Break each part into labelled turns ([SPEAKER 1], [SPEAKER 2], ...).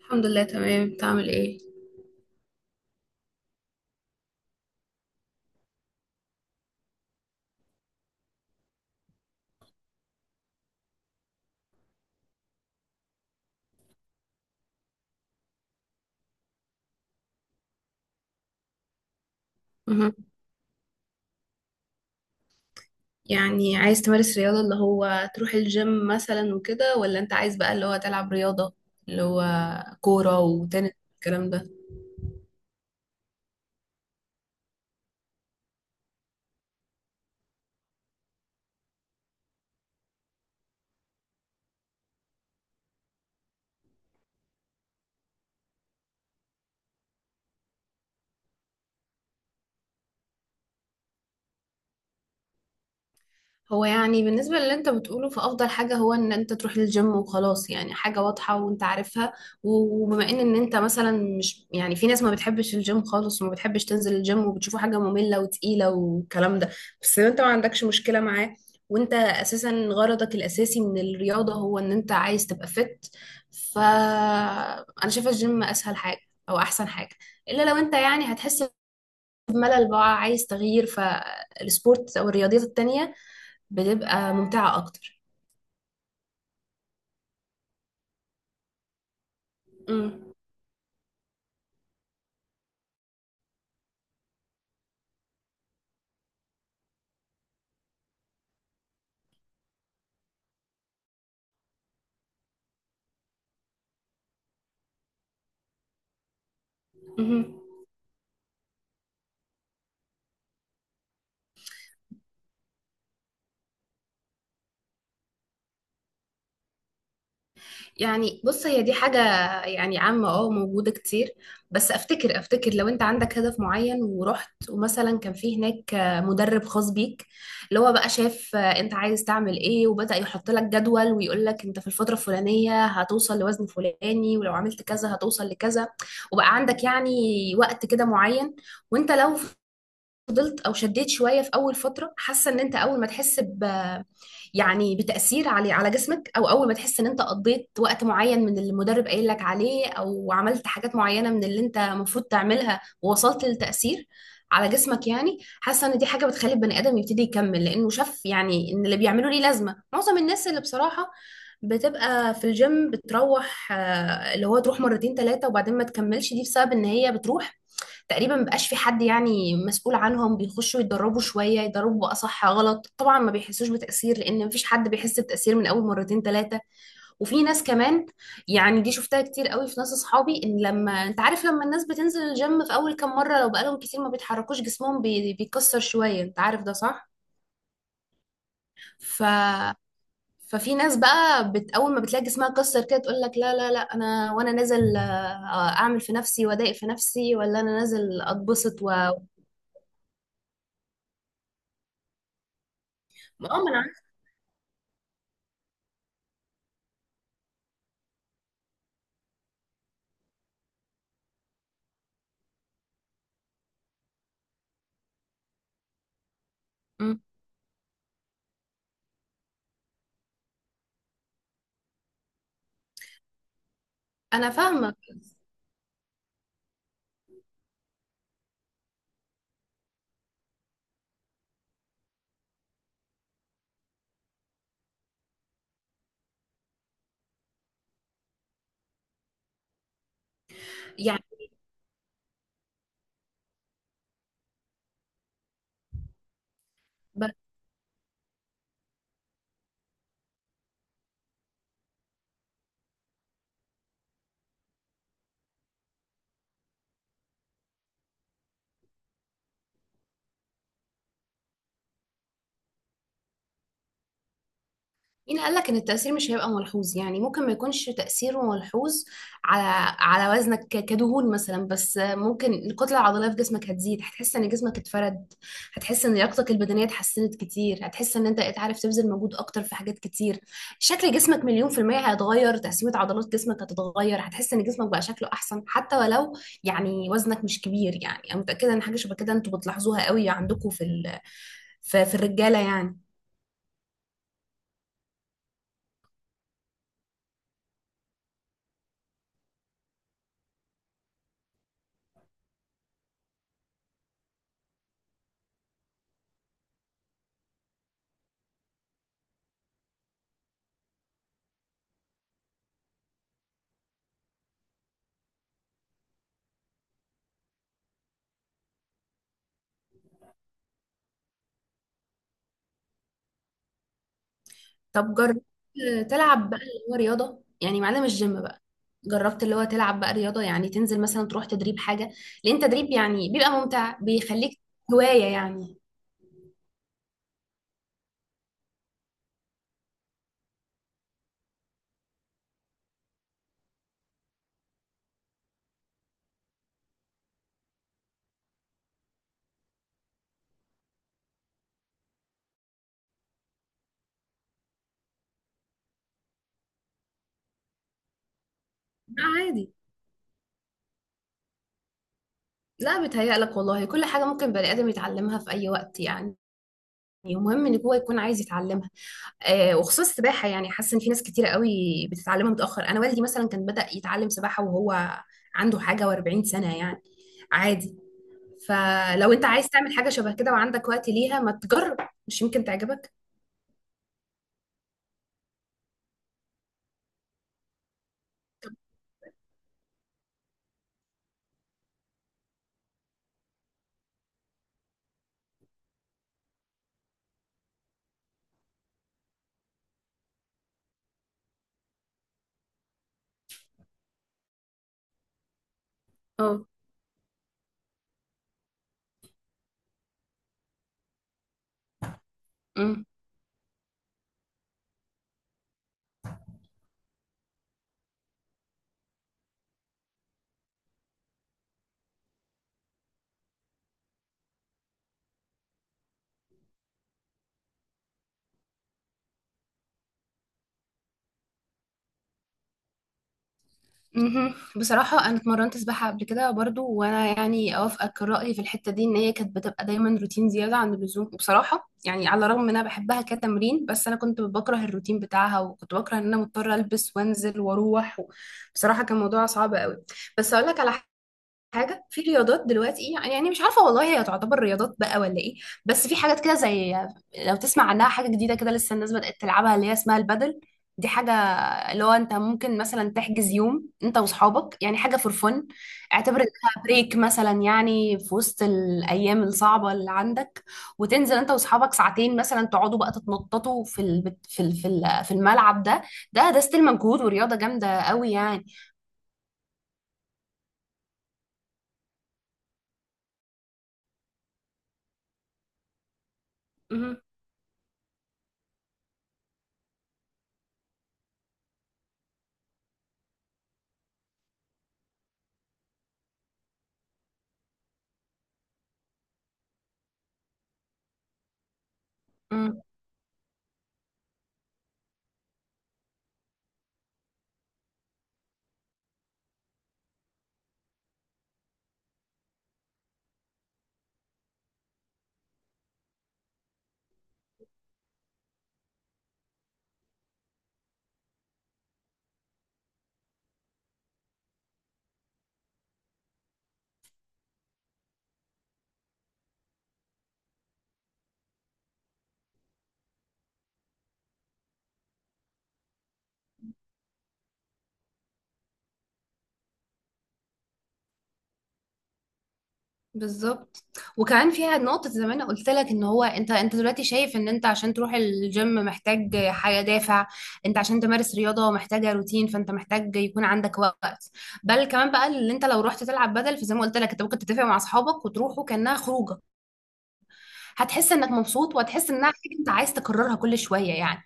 [SPEAKER 1] الحمد لله تمام، بتعمل ايه؟ مهم. يعني عايز تمارس رياضة اللي هو تروح الجيم مثلا وكده، ولا انت عايز بقى اللي هو تلعب رياضة اللي هو كورة وتنس الكلام ده؟ هو يعني بالنسبة للي انت بتقوله، فأفضل حاجة هو ان انت تروح للجيم وخلاص، يعني حاجة واضحة وانت عارفها. وبما ان انت مثلا مش يعني، في ناس ما بتحبش الجيم خالص وما بتحبش تنزل الجيم وبتشوفه حاجة مملة وتقيلة والكلام ده، بس انت ما عندكش مشكلة معاه، وانت اساسا غرضك الاساسي من الرياضة هو ان انت عايز تبقى فت. فأنا شايفة الجيم اسهل حاجة او احسن حاجة، الا لو انت يعني هتحس بملل بقى عايز تغيير، فالسبورت او الرياضيات التانية بتبقى ممتعة أكتر. امم. امم. يعني بص، هي دي حاجة يعني عامة اه موجودة كتير، بس افتكر لو انت عندك هدف معين ورحت، ومثلا كان في هناك مدرب خاص بيك، اللي هو بقى شاف انت عايز تعمل ايه وبدأ يحط لك جدول، ويقول لك انت في الفترة الفلانية هتوصل لوزن فلاني، ولو عملت كذا هتوصل لكذا، وبقى عندك يعني وقت كده معين. وانت لو فضلت او شديت شويه في اول فتره، حاسه ان انت اول ما تحس ب يعني بتاثير على جسمك، او اول ما تحس ان انت قضيت وقت معين من اللي المدرب قايل لك عليه، او عملت حاجات معينه من اللي انت المفروض تعملها، ووصلت للتاثير على جسمك، يعني حاسه ان دي حاجه بتخلي البني ادم يبتدي يكمل، لانه شاف يعني ان اللي بيعمله ليه لازمه. معظم الناس اللي بصراحه بتبقى في الجيم بتروح اللي هو تروح مرتين ثلاثه وبعدين ما تكملش، دي بسبب ان هي بتروح تقريبا مبقاش في حد يعني مسؤول عنهم، بيخشوا يتدربوا شوية يدربوا بقى صح غلط، طبعا ما بيحسوش بتأثير لأن مفيش حد بيحس بتأثير من أول مرتين ثلاثة. وفي ناس كمان، يعني دي شفتها كتير قوي في ناس أصحابي، إن لما أنت عارف لما الناس بتنزل الجيم في أول كام مرة لو بقالهم كتير ما بيتحركوش، جسمهم بيكسر شوية، أنت عارف ده صح؟ ف ففي ناس بقى اول ما بتلاقي جسمها اتكسر كده تقول لك لا لا لا، انا وانا نازل اعمل في نفسي وادايق في نفسي، ولا انا نازل اتبسط اه. ما انا عارفة. انا فاهمه يعني. بس مين قال لك ان التاثير مش هيبقى ملحوظ؟ يعني ممكن ما يكونش تاثيره ملحوظ على وزنك كدهون مثلا، بس ممكن الكتله العضليه في جسمك هتزيد، هتحس ان جسمك اتفرد، هتحس ان لياقتك البدنيه اتحسنت كتير، هتحس ان انت بقيت عارف تبذل مجهود اكتر في حاجات كتير، شكل جسمك مليون في الميه هيتغير، تقسيمه عضلات جسمك هتتغير، هتحس ان جسمك بقى شكله احسن حتى ولو يعني وزنك مش كبير. يعني انا متاكده ان حاجه شبه كده انتوا بتلاحظوها قوي عندكم في الرجاله يعني. طب جربت تلعب بقى اللي هو رياضة يعني معانا مش جيم بقى؟ جربت اللي هو تلعب بقى رياضة، يعني تنزل مثلا تروح تدريب حاجة؟ لأن تدريب يعني بيبقى ممتع، بيخليك هواية يعني. لا عادي، لا بيتهيألك والله، كل حاجة ممكن بني آدم يتعلمها في أي وقت يعني، المهم ان هو يكون عايز يتعلمها. آه، وخصوصا السباحه، يعني حاسه ان في ناس كتيره قوي بتتعلمها متاخر، انا والدي مثلا كان بدا يتعلم سباحه وهو عنده حاجه و40 سنه يعني، عادي. فلو انت عايز تعمل حاجة شبه كده وعندك وقت ليها، ما تجرب، مش يمكن تعجبك. اه. امم. مهم. بصراحة أنا اتمرنت سباحة قبل كده برضو، وأنا يعني أوافقك رأيي في الحتة دي، إن هي كانت بتبقى دايما روتين زيادة عن اللزوم بصراحة، يعني على الرغم إن أنا بحبها كتمرين، بس أنا كنت بكره الروتين بتاعها، وكنت بكره إن أنا مضطرة ألبس وأنزل وأروح بصراحة كان موضوع صعب قوي. بس أقول لك على حاجه في رياضات دلوقتي، يعني يعني مش عارفه والله هي تعتبر رياضات بقى ولا ايه، بس في حاجات كده زي لو تسمع عنها حاجه جديده كده لسه الناس بدات تلعبها، اللي هي اسمها البادل. دي حاجه اللي هو انت ممكن مثلا تحجز يوم انت واصحابك، يعني حاجه فور فن، اعتبر انها بريك مثلا يعني في وسط الايام الصعبه اللي عندك، وتنزل انت واصحابك ساعتين مثلا تقعدوا بقى تتنططوا في الملعب ده. ده ستيل مجهود ورياضه جامده قوي يعني. مهم. بالظبط. وكمان فيها نقطة زي ما انا قلت لك، ان هو انت دلوقتي شايف ان انت عشان تروح الجيم محتاج حاجة دافع، انت عشان تمارس رياضة محتاجة روتين، فانت محتاج يكون عندك وقت. بل كمان بقى اللي انت لو رحت تلعب بدل، فزي ما قلت لك انت ممكن تتفق مع اصحابك وتروحوا كأنها خروجة، هتحس انك مبسوط، وهتحس انها حاجة انت عايز تكررها كل شوية يعني،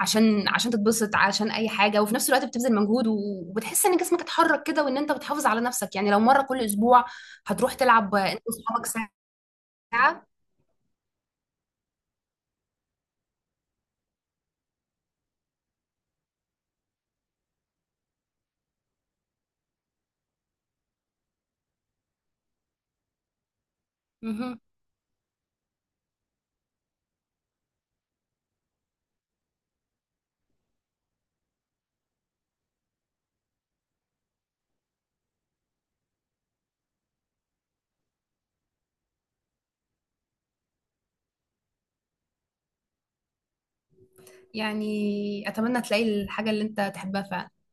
[SPEAKER 1] عشان تتبسط، عشان اي حاجة، وفي نفس الوقت بتبذل مجهود وبتحس ان جسمك اتحرك كده، وان انت بتحافظ على نفسك يعني. لو مرة كل اسبوع هتروح تلعب انت واصحابك ساعة. مهم. يعني أتمنى تلاقي الحاجة اللي أنت تحبها فعلا.